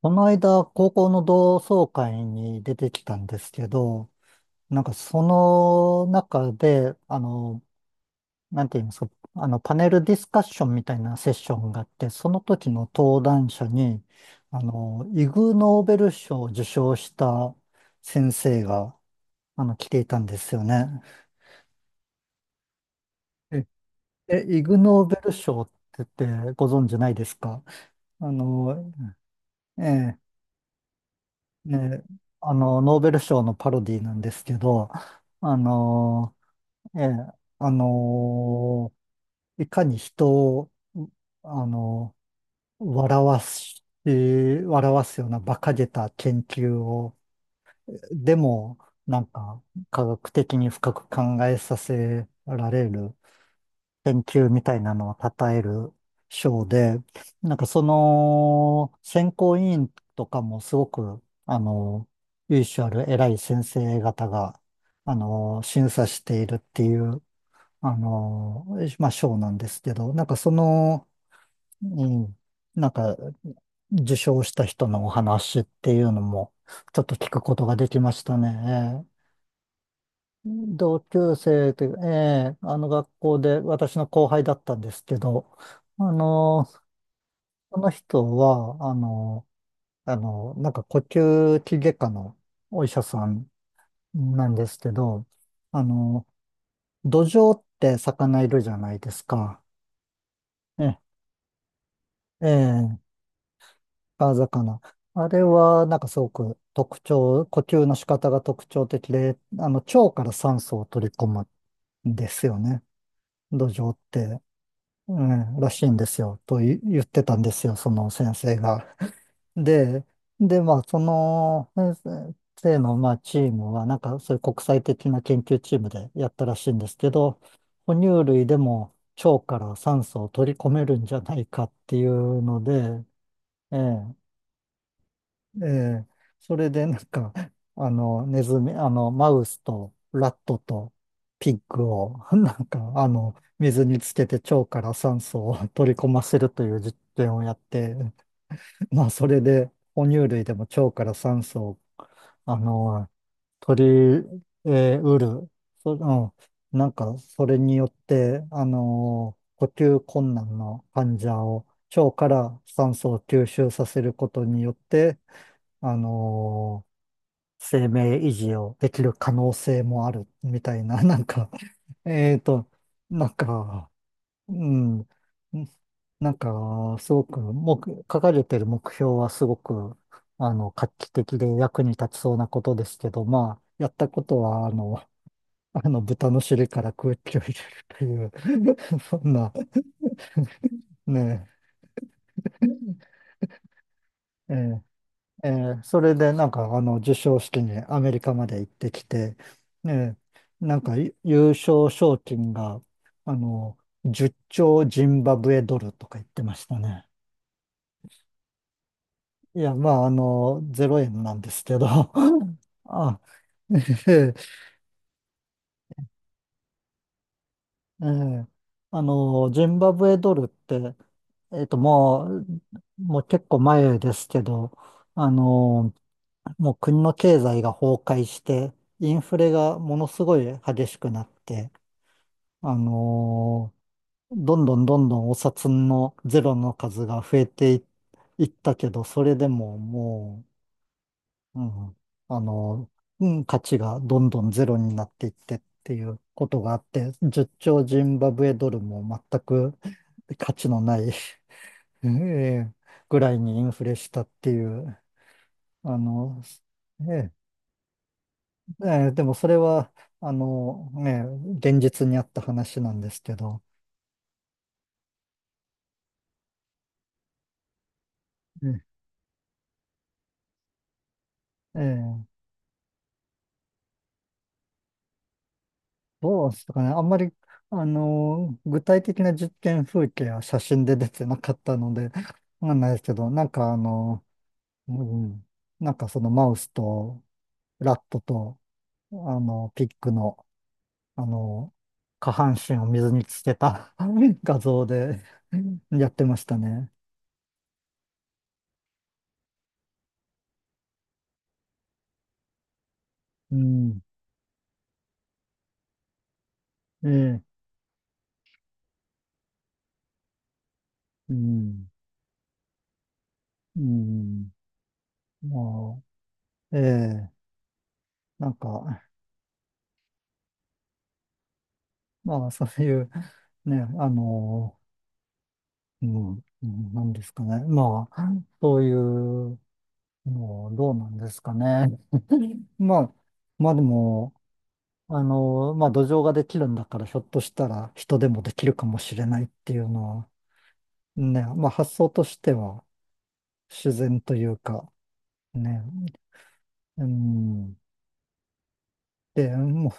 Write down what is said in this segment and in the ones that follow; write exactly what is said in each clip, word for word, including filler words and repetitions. この間、高校の同窓会に出てきたんですけど、なんかその中で、あの、なんて言いますか、あの、パネルディスカッションみたいなセッションがあって、その時の登壇者に、あの、イグ・ノーベル賞を受賞した先生が、あの、来ていたんですよね。え、えイグ・ノーベル賞って言ってご存知ないですか。あの、ええね、あの、ノーベル賞のパロディなんですけど、あの、ええ、あの、いかに人を、あの、笑わし、笑わすような馬鹿げた研究を、でも、なんか、科学的に深く考えさせられる研究みたいなのを称える賞で、なんかその選考委員とかもすごく、あの、由緒ある偉い先生方が、あの、審査しているっていう、あの、まあ、賞なんですけど、なんかその、うん、なんか、受賞した人のお話っていうのも、ちょっと聞くことができましたね。同級生という、ええあの学校で私の後輩だったんですけど、あの、その人は、あの、あの、なんか呼吸器外科のお医者さんなんですけど、あの、土壌って魚いるじゃないですか。ええ、ええ、川魚。あれは、なんかすごく特徴、呼吸の仕方が特徴的で、あの、腸から酸素を取り込むんですよね。土壌って。ええらしいんですよ、とい言ってたんですよ、その先生が。で、で、まあ、その先生の、まあ、チームは、なんか、そういう国際的な研究チームでやったらしいんですけど、哺乳類でも腸から酸素を取り込めるんじゃないかっていうので、ええええ、それでなんか、あの、ネズミ、あの、マウスとラットとピッグを、なんか、あの、水につけて腸から酸素を取り込ませるという実験をやって、まあ、それで、哺乳類でも腸から酸素を、あの、取り、えー、うる。そ、うん、なんか、それによって、あの、呼吸困難の患者を腸から酸素を吸収させることによって、あの生命維持をできる可能性もあるみたいな、なんか、えっと、なんか、うん、んなんか、すごく、もう、書かれてる目標はすごく、あの、画期的で役に立ちそうなことですけど、まあ、やったことは、あの、あの、豚の尻から空気を入れるという、そんな、ねえ、えーえーそれでなんかあの授賞式にアメリカまで行ってきて、ねなんかい優勝賞金があのじゅっちょうジンバブエドルとか言ってましたね。いや、まああのゼロ円なんですけど あ、ええあのジンバブエドルって、えっともう、もう結構前ですけど、あのもう国の経済が崩壊して、インフレがものすごい激しくなって、あのーどんどんどんどんお札のゼロの数が増えてい、いったけど、それでももう、うん、あのーうん、価値がどんどんゼロになっていってっていうことがあって、じゅっちょうジンバブエドルも全く 価値のない ええぐらいにインフレしたっていう、あの、ええええでもそれは、あの、ね、現実にあった話なんですけど、うんええどうですかね。あんまり、あの、具体的な実験風景は写真で出てなかったので、わかんないですけど、なんかあの、うん、なんかそのマウスとラットと、あの、ピッグの、あの、下半身を水につけた 画像でやってましたね。うん、ええうん、うん、まあええ、なんか、まあ、そういう、ね、あの、うん、うんなんですかね。まあ、そういうの、どうなんですかね。まあ、まあでも、あの、まあ、土壌ができるんだから、ひょっとしたら人でもできるかもしれないっていうのは、ね、まあ、発想としては自然というか、ね、うん、で、も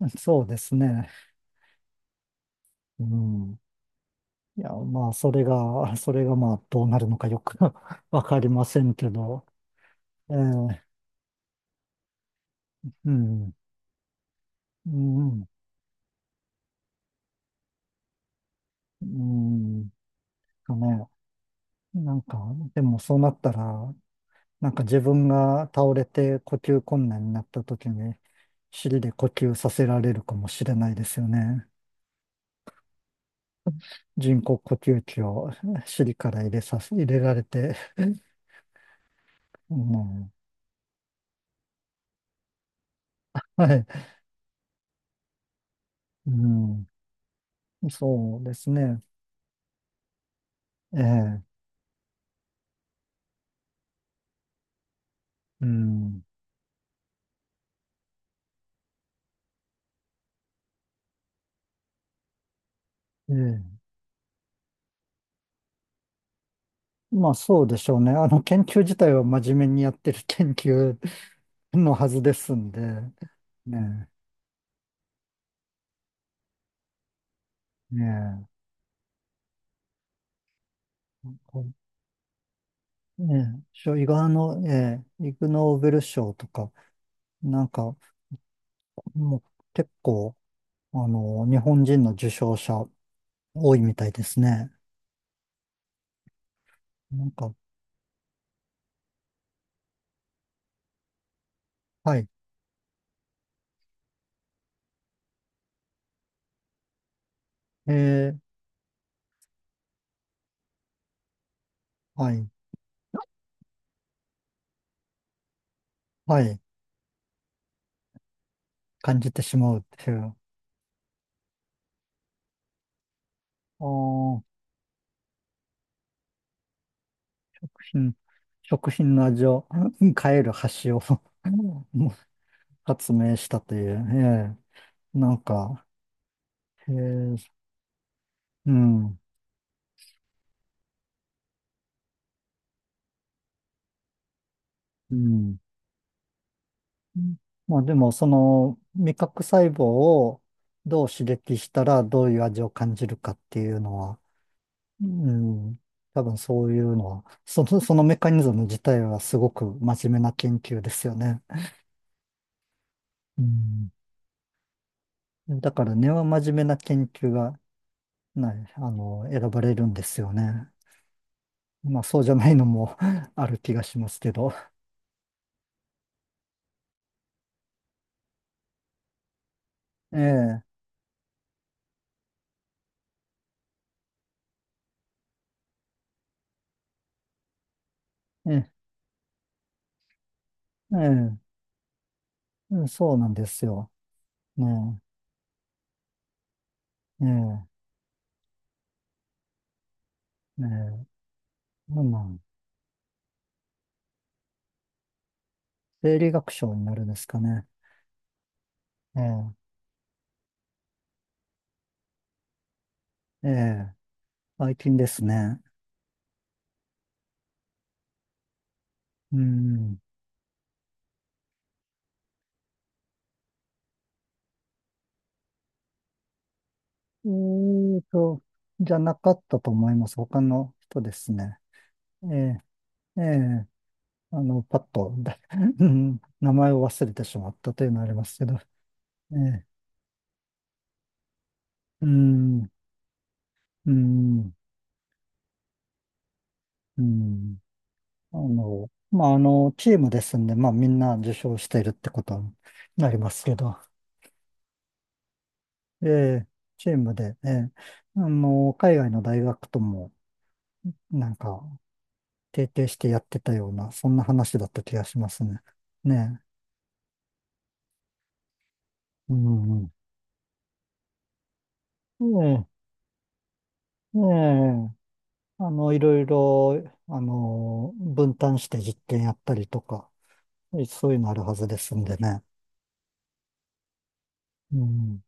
う、そうですね。うんいや、まあ、それが、それがまあ、どうなるのかよく わかりませんけど、ええうん、うん、うん、とね、なんか、でもそうなったら、なんか自分が倒れて呼吸困難になった時に、尻で呼吸させられるかもしれないですよね。人工呼吸器を 尻から入れさせ、入れられて、うん、はい、うん、そうですね、ええうん、ええまあそうでしょうね。あの研究自体は真面目にやってる研究のはずですんで、ねえ、ねえ、ねえ、しょ伊賀の、ええ、イグノーベル賞とか、なんかもう結構、あの、日本人の受賞者多いみたいですね。なんか、はい、ええ、はい、はい、感じてしまうっていう、あーうん食品の味を変える箸を 発明したという、ええなんか、へえうん、うん。まあでも、その、味覚細胞をどう刺激したらどういう味を感じるかっていうのは、うん、多分そういうのは、その、そのメカニズム自体はすごく真面目な研究ですよね。うん。だから根は真面目な研究が、ね、あの、選ばれるんですよね。まあそうじゃないのも ある気がしますけど。ええ、ええ、ええ、そうなんですよ。ねえええ、ええ、なんなん生理学賞になるんですかね。ええ、ええ、最近ですね。うん。えーと、じゃなかったと思います。他の人ですね。ええ、ええ、あの、パッと、だ うん名前を忘れてしまったというのはありますけど。ええ、うん、うん、うん。あの、まあ、あの、チームですんで、まあ、みんな受賞しているってことになりますけど。ええ、チームで、ええ、あの、海外の大学とも、なんか、提携してやってたような、そんな話だった気がしますね。ねえ。うん、うん。ええ、ええ、あの、いろいろ、あの、分担して実験やったりとか、そういうのあるはずですんでね。うん。